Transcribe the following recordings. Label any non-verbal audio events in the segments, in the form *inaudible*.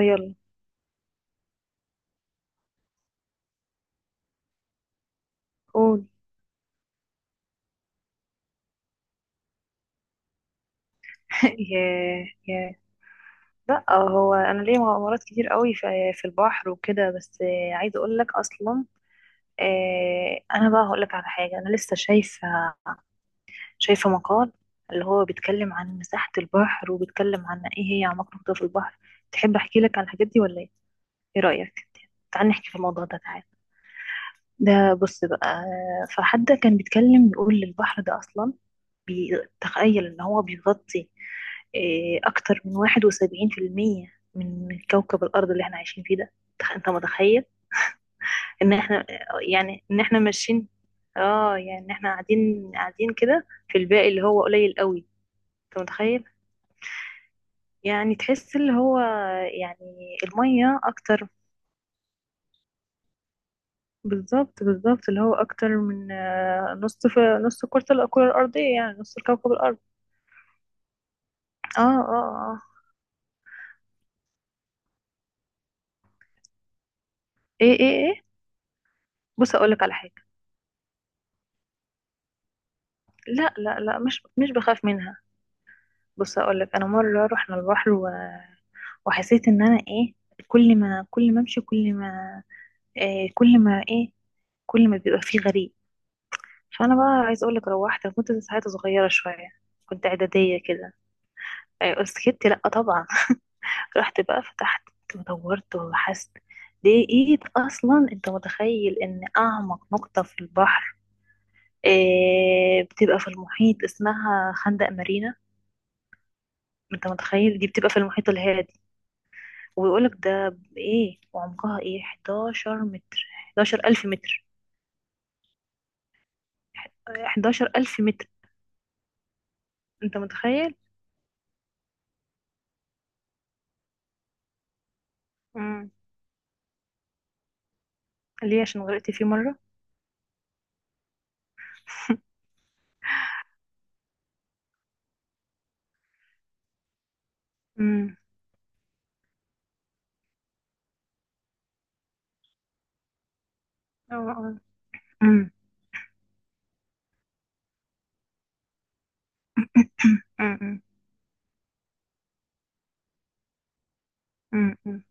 يلا، قول. *laughs* ياه ياه. لا هو انا ليا مغامرات كتير قوي في البحر وكده. بس عايزه اقول لك اصلا. انا بقى هقول لك على حاجه. انا لسه شايفه مقال اللي هو بيتكلم عن مساحه البحر، وبيتكلم عن ايه هي اعماق نقطه في البحر. تحب احكي لك عن الحاجات دي ولا ايه؟ ايه رايك؟ تعال نحكي في الموضوع ده، تعال. ده بص بقى. فحد كان بيتكلم بيقول البحر ده اصلا بيتخيل ان هو بيغطي اكتر من 71% من كوكب الارض اللي احنا عايشين فيه ده. انت متخيل ان احنا، يعني ان احنا ماشيين؟ اه، يعني ان احنا قاعدين قاعدين كده في الباقي اللي هو قليل قوي. انت متخيل؟ يعني تحس اللي هو، يعني المية اكتر. بالظبط بالظبط، اللي هو اكتر من نص نص كرة الارضية، يعني نص كوكب الارض. اه اه اه. ايه ايه ايه، بص اقولك على حاجة. لا لا لا، مش بخاف منها. بص اقول لك، انا مره رحنا البحر وحسيت ان انا ايه، كل ما إيه، كل ما كل ما بيبقى فيه غريب. فانا بقى عايز اقول لك، روحت. أنا كنت ساعتها صغيره شويه، كنت اعداديه كده. إيه، سكت لا طبعا. *laughs* رحت بقى فتحت ودورت وبحثت، لقيت اصلا. انت متخيل ان اعمق نقطه في البحر، إيه، بتبقى في المحيط، اسمها خندق مارينا؟ انت متخيل؟ دي بتبقى في المحيط الهادي. وبيقولك ده ايه وعمقها ايه؟ 11 ألف متر. 11 ألف متر. انت متخيل؟ امم. ليه؟ عشان غرقت فيه مرة. *laughs* امم. اه اه. امم امم. امم.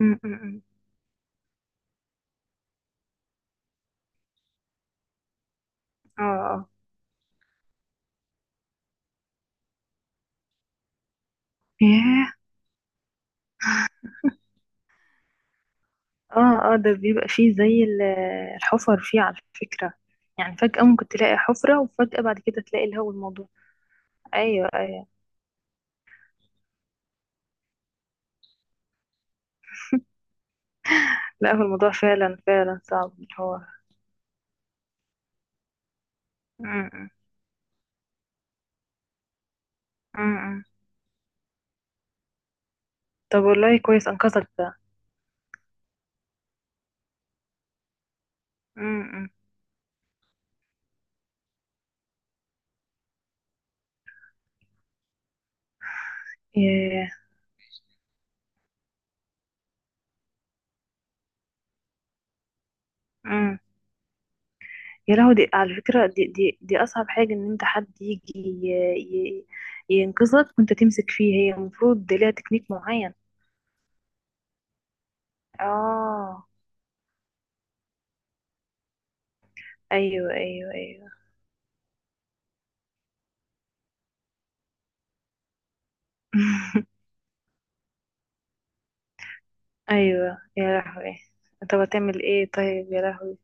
امم. اه اه. ياه. اه اه، ده بيبقى فيه الحفر فيه على فكرة. يعني فجأة ممكن تلاقي حفرة، وفجأة بعد كده تلاقي اللي هو الموضوع. ايوه ايوه. لا هو الموضوع فعلا فعلا صعب اللي هو. امم امم. امم. طب والله كويس انقذك ده. امم. ياه. امم. يا لهوي، دي على فكرة دي أصعب حاجة، إن أنت حد يجي ينقذك وأنت تمسك فيه. هي المفروض دي ليها تكنيك معين. اه. أيوه أيوه أيوه. *laughs* أيوه يا لهوي. طب هتعمل إيه طيب؟ يا لهوي.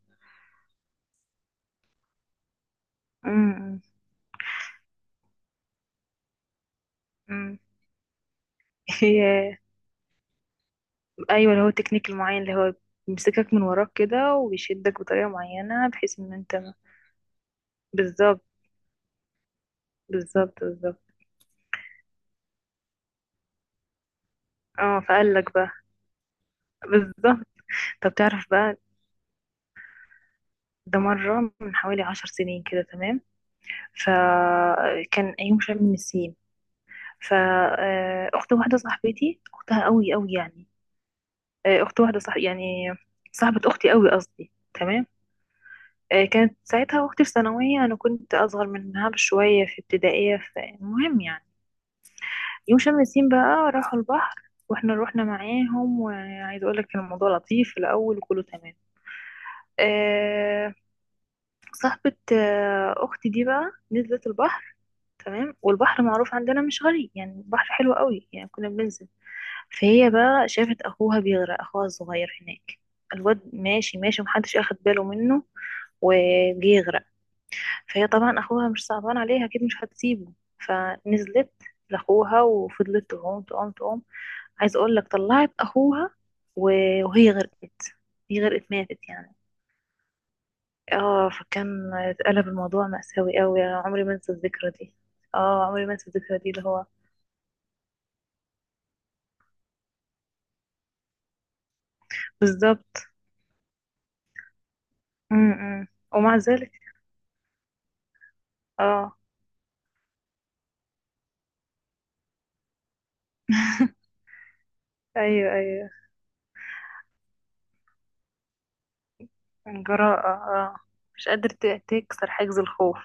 أمم. امم. *laughs* ياه. أيوه، اللي هو التكنيك المعين اللي هو بيمسكك من وراك كده وبيشدك بطريقة معينة، بحيث إن أنت. بالظبط بالظبط بالظبط. اه، فقال لك بقى. بالظبط. طب تعرف بقى، ده مرة من حوالي 10 سنين كده، تمام؟ فكان أيوم شم من النسيم. فأخت واحدة صاحبتي، أختها قوي قوي يعني، أخت واحدة صاحب، يعني صاحبة أختي قوي قصدي، تمام. كانت ساعتها أختي في ثانوية، أنا كنت أصغر منها بشوية في ابتدائية. فالمهم يعني، يوم شم النسيم بقى راحوا البحر واحنا روحنا معاهم. وعايز اقول لك كان الموضوع لطيف في الاول وكله تمام. أه. صاحبة اختي دي بقى نزلت البحر، تمام. والبحر معروف عندنا مش غالي، يعني البحر حلو قوي، يعني كنا بننزل. فهي بقى شافت اخوها بيغرق، اخوها الصغير هناك. الواد ماشي ماشي ومحدش اخد باله منه، وجه يغرق. فهي طبعا اخوها مش صعبان عليها، اكيد مش هتسيبه. فنزلت لاخوها وفضلت تعوم تعوم تعوم. عايز اقول لك، طلعت اخوها وهي غرقت. هي غرقت، ماتت يعني. اه، فكان اتقلب الموضوع مأساوي قوي، عمري ما انسى الذكرى دي. اه عمري ما انسى الذكرى دي، اللي هو. بالظبط. امم. أمم. ومع ذلك. اه. *laughs* ايوه ايوه. جراءة، اه. مش قادر تكسر حاجز الخوف.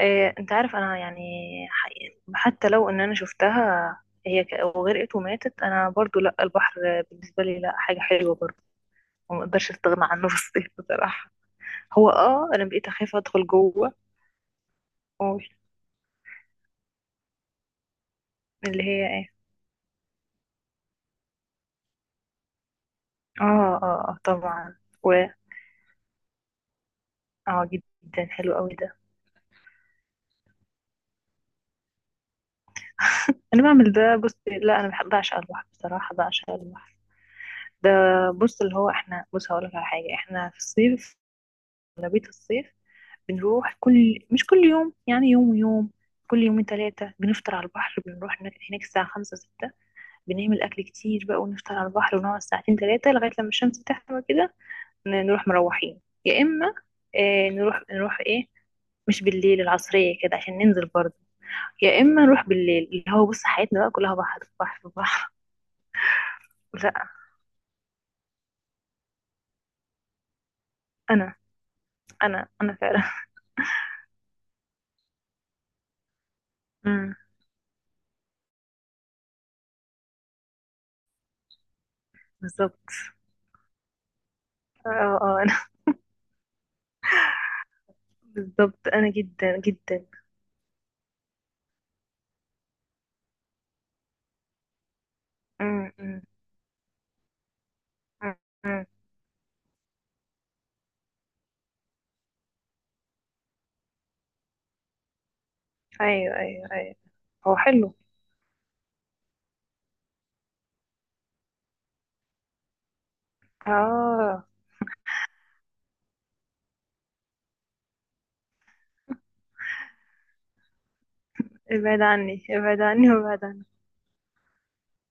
انت عارف انا يعني. حقيقي، حتى لو ان انا شفتها هي وغرقت وماتت، انا برضو لا، البحر بالنسبه لي لا، حاجه حلوه برضو وما اقدرش استغنى عنه. *laughs* في الصيف بصراحه، هو اه انا بقيت اخاف ادخل جوه. أوي. اللي هي ايه؟ اه اه. طبعا. و اه، جدا حلو قوي ده. انا بعمل ده. بص، لا انا بحب بعشق البحر بصراحه، بعشق البحر ده. بص اللي هو احنا، بص هقول لك على حاجه. احنا في الصيف، اغلبيه الصيف، بنروح كل، مش كل يوم يعني، يوم ويوم، كل يومين ثلاثه بنفطر على البحر. بنروح هناك الساعه 5 6. بنعمل اكل كتير بقى ونفطر على البحر، ونقعد ساعتين ثلاثه لغايه لما الشمس تحمى كده، نروح مروحين. يا اما اه، نروح نروح ايه. مش بالليل، العصريه كده عشان ننزل برضه. يا اما نروح بالليل. اللي هو بص حياتنا بقى كلها بحر بحر بحر. *laughs* لا انا، انا فعلا. امم. بالظبط. اه اه انا. *laughs* بالظبط، انا جدا جدا. امم امم امم. ايوه ايوه ايوه. هو حلو. اه. ابعد عني ابعد عني وابعد عني.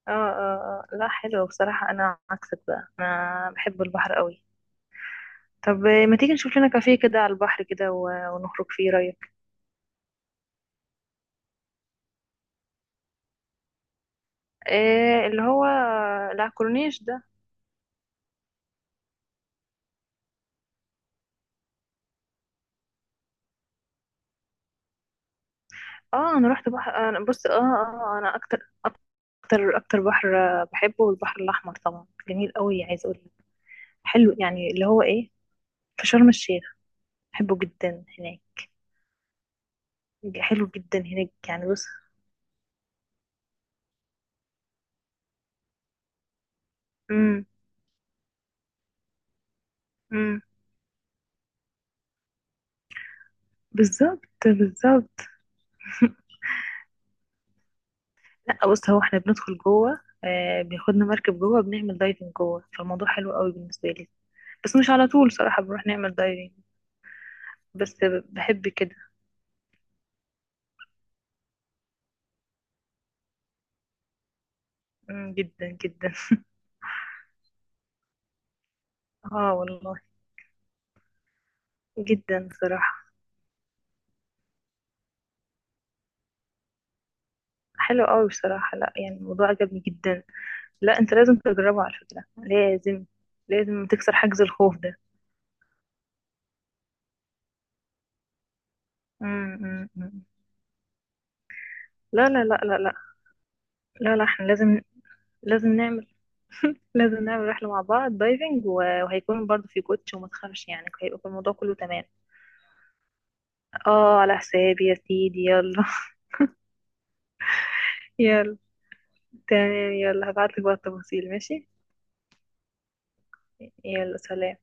اه اه اه. لا حلو بصراحة، انا عكسك بقى، انا بحب البحر قوي. طب ما تيجي نشوف لنا كافيه كده على البحر كده ونخرج، فيه رأيك؟ إيه اللي هو العكورنيش ده. اه، انا رحت بحر، انا بص اه اه، انا اكتر اكتر اكتر بحر بحبه البحر الاحمر طبعا، جميل قوي. عايز اقول لك حلو، يعني اللي هو ايه، في شرم الشيخ، بحبه جدا هناك، حلو جدا هناك، يعني بص. امم امم. بالظبط. بالظبط. *laughs* لا بص، هو احنا بندخل جوه، آه بياخدنا مركب جوه، بنعمل دايفنج جوه. فالموضوع حلو قوي بالنسبه لي. بس مش على طول صراحه بنروح نعمل دايفنج، بس بحب كده. مم، جدا جدا. *laughs* اه والله. جدا صراحه. حلو قوي بصراحة. لا يعني الموضوع عجبني جدا. لا انت لازم تجربه على فكرة، لازم. لازم تكسر حاجز الخوف ده. مم، مم، مم. لا لا لا لا لا. لا لا، احنا لازم، لازم نعمل. *laughs* لازم نعمل رحلة مع بعض دايفنج وهيكون برضو في كوتش وما تخافش، يعني هيبقى الموضوع كله تمام. اه، على حسابي يا سيدي، يلا. *laughs* يلا. تمام، يلا هبعتلك بقى التفاصيل، ماشي؟ يلا سلام.